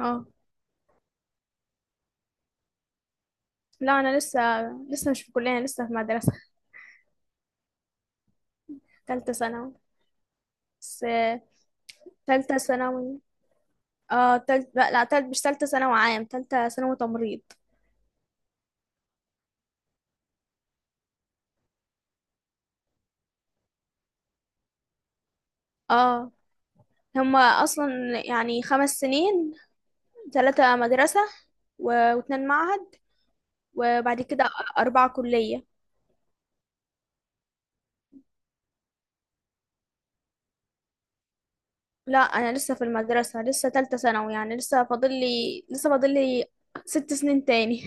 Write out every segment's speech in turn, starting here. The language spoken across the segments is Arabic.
اه. لا، انا لسه مش في كلية. انا لسه في مدرسة. تالتة ثانوي. بس تالتة ثانوي. اه، تالت، لا لا، تالت، مش تالتة ثانوي عام، تالتة ثانوي تمريض. اه، هما اصلا يعني 5 سنين: 3 مدرسة و2 معهد، وبعد كده 4 كلية. لا، أنا لسه في المدرسة، لسه تالتة ثانوي يعني. لسه فاضل لي 6 سنين تاني.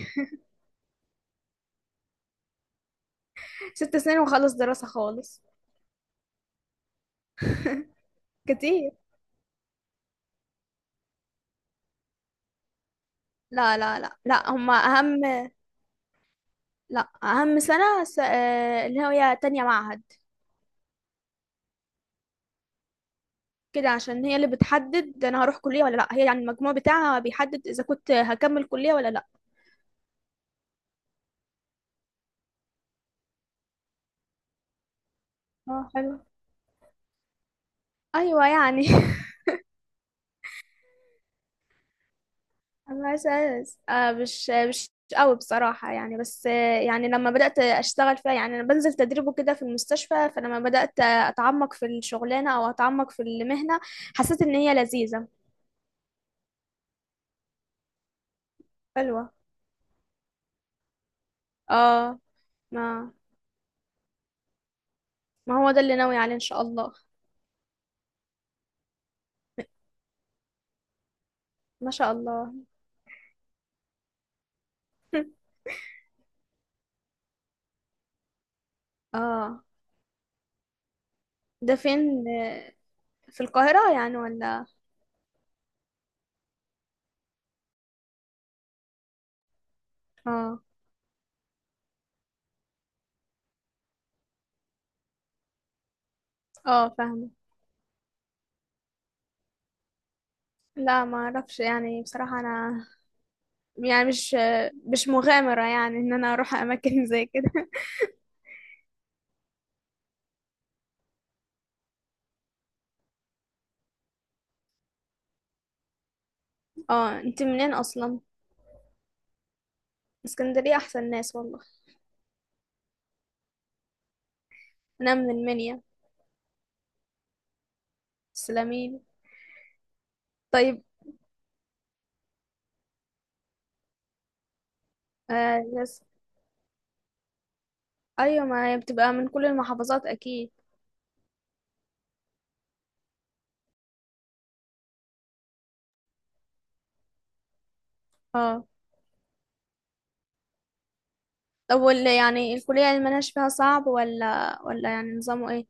6 سنين وخلص دراسة خالص. كتير. لا لا لا لا، هما أهم. لا، اهم سنه س... آه، اللي هي تانية معهد، كده، عشان هي اللي بتحدد انا هروح كليه ولا لا. هي يعني المجموع بتاعها بيحدد اذا كنت هكمل كليه ولا لا. اه، حلو. ايوه يعني. انا اساس مش قوي بصراحه يعني. بس يعني لما بدات اشتغل فيها، يعني انا بنزل تدريب وكده في المستشفى، فلما بدات اتعمق في الشغلانه او اتعمق في المهنه حسيت ان هي لذيذه. حلوة. اه، ما ما هو ده اللي ناوي عليه ان شاء الله. ما شاء الله. اه، ده فين في القاهرة يعني ولا؟ اه، اه، فاهمة. لا، ما اعرفش يعني بصراحة انا. يعني مش مغامرة يعني ان انا اروح اماكن زي كده. اه، انت منين اصلا؟ اسكندرية احسن ناس والله. انا من المنيا السلامين. طيب. يس. ايوه، ما هي بتبقى من كل المحافظات اكيد. اه، طب يعني الكلية اللي ملهاش فيها صعب ولا يعني نظامه ايه؟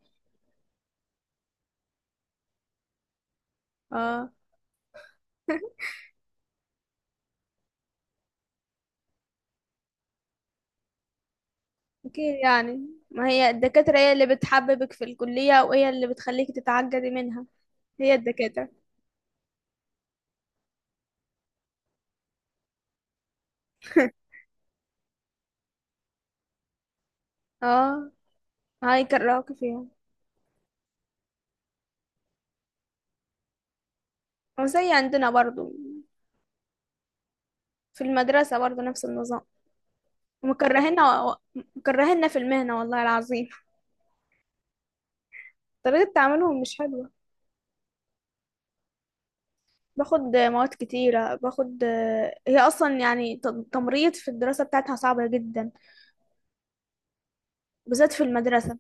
اه، أكيد يعني. ما هي الدكاترة هي اللي بتحببك في الكلية، وهي اللي بتخليك تتعجبي منها. هي الدكاترة. اه، هيكرهوك فيها. وزي عندنا برضو. في المدرسة برضو نفس النظام. مكرهنا و... مكرهنا في المهنة والله العظيم. طريقة تعاملهم مش حلوة. باخد مواد كتيرة. هي أصلا يعني تمريض في الدراسة بتاعتها صعبة جدا، بالذات في المدرسة.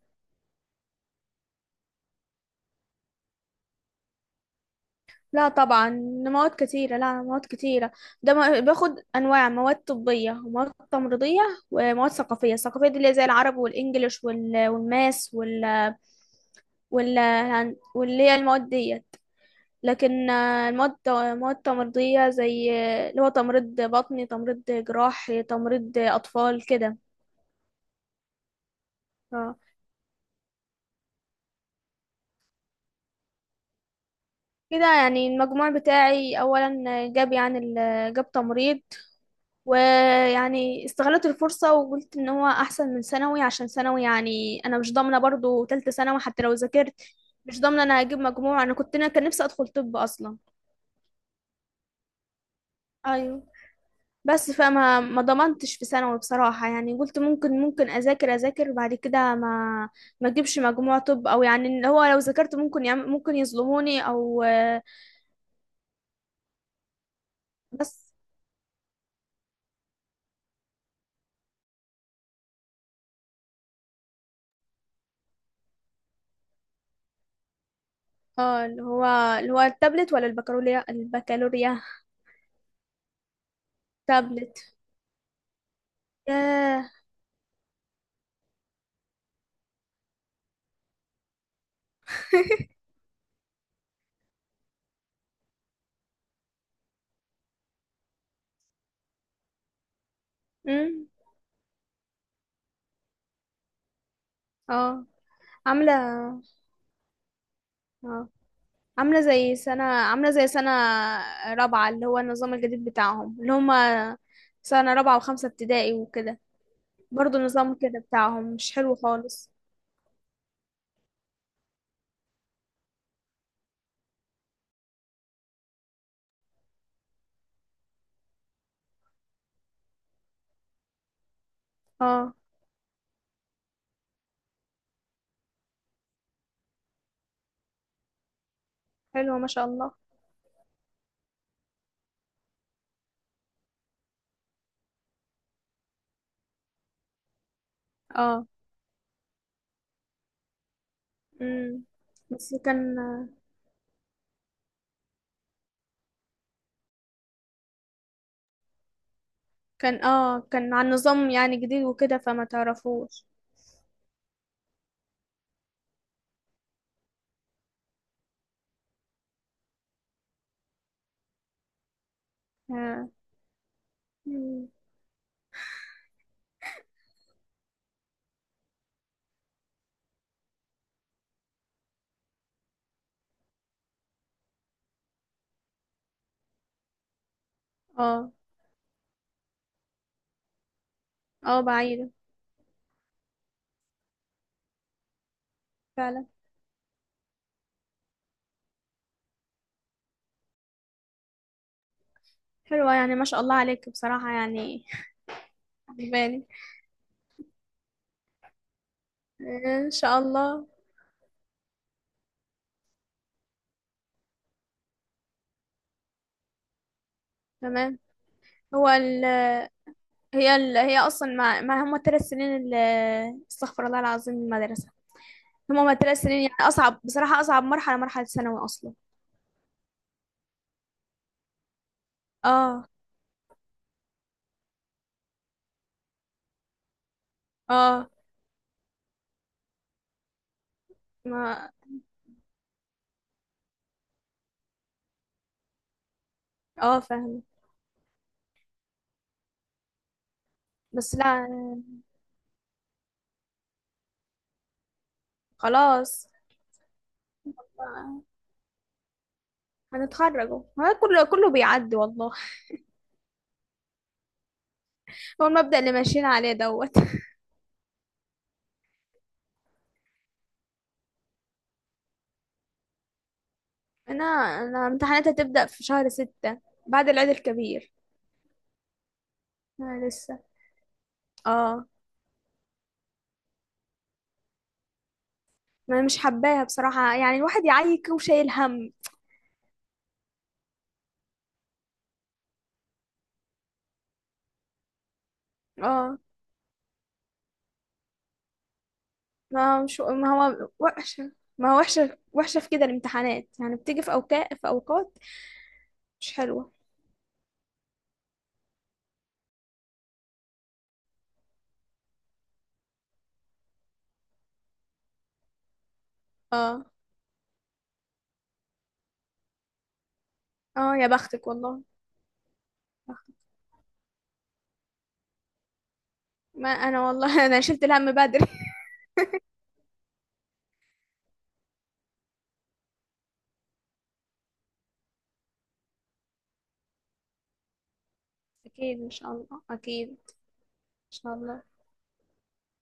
لا طبعا، مواد كتيرة. لا، مواد كتيرة. ده باخد أنواع مواد طبية ومواد تمريضية ومواد ثقافية. الثقافية دي اللي هي زي العربي والإنجليش والماس وال يعني، واللي هي المواد ديت. لكن مواد تمريضية زي اللي هو تمريض بطني، تمريض جراح، تمريض أطفال كده. اه، كده يعني. المجموع بتاعي أولا جاب يعني جاب تمريض. ويعني استغلت الفرصة وقلت ان هو احسن من ثانوي، عشان ثانوي يعني انا مش ضامنة برضو تالتة ثانوي حتى لو ذاكرت. مش ضامنة انا هجيب مجموع. انا كان نفسي ادخل طب اصلا. ايوه. بس فما ما ضمنتش في ثانوي بصراحة يعني. قلت ممكن اذاكر بعد كده، ما اجيبش مجموع طب. او يعني اللي هو لو ذاكرت ممكن ممكن يظلموني او. بس اه، اللي هو التابلت ولا البكالوريا؟ البكالوريا. تابلت. ياه. امم اه، عاملة اه عاملة زي سنة رابعة، اللي هو النظام الجديد بتاعهم، اللي هما سنة رابعة وخمسة ابتدائي وكده. برضو نظام كده بتاعهم مش حلو خالص. اه، حلو ما شاء الله. اه، امم بس كان عن نظام يعني جديد وكده، فما تعرفوش. اه. مم. اه، بعيدة فعلا. حلوة يعني، ما شاء الله عليك بصراحة يعني، عجباني. ان شاء الله. تمام. هو ال هي اصلا ما هم الثلاث سنين اللي استغفر الله العظيم المدرسه. هم الثلاث سنين يعني اصعب بصراحه، اصعب مرحله ثانوي اصلا. اه، اه، ما اه فاهمه. بس لا، خلاص هنتخرج أهو. هو كله كله بيعدي والله. هو المبدأ اللي ماشيين عليه دوت. انا انا امتحاناتي هتبدأ في شهر 6 بعد العيد الكبير. انا لسه. اه. ما أنا مش حباها بصراحة يعني، الواحد يعيك وشايل هم. اه، ما هو وحشة. ما هو وحشة، وحشة في كده الامتحانات يعني، بتيجي في أوقات، في أوقات مش حلوة. اه، اه، يا بختك والله. بخت- ما أنا والله. أنا شلت الهم بدري. أكيد إن شاء الله، أكيد إن شاء الله.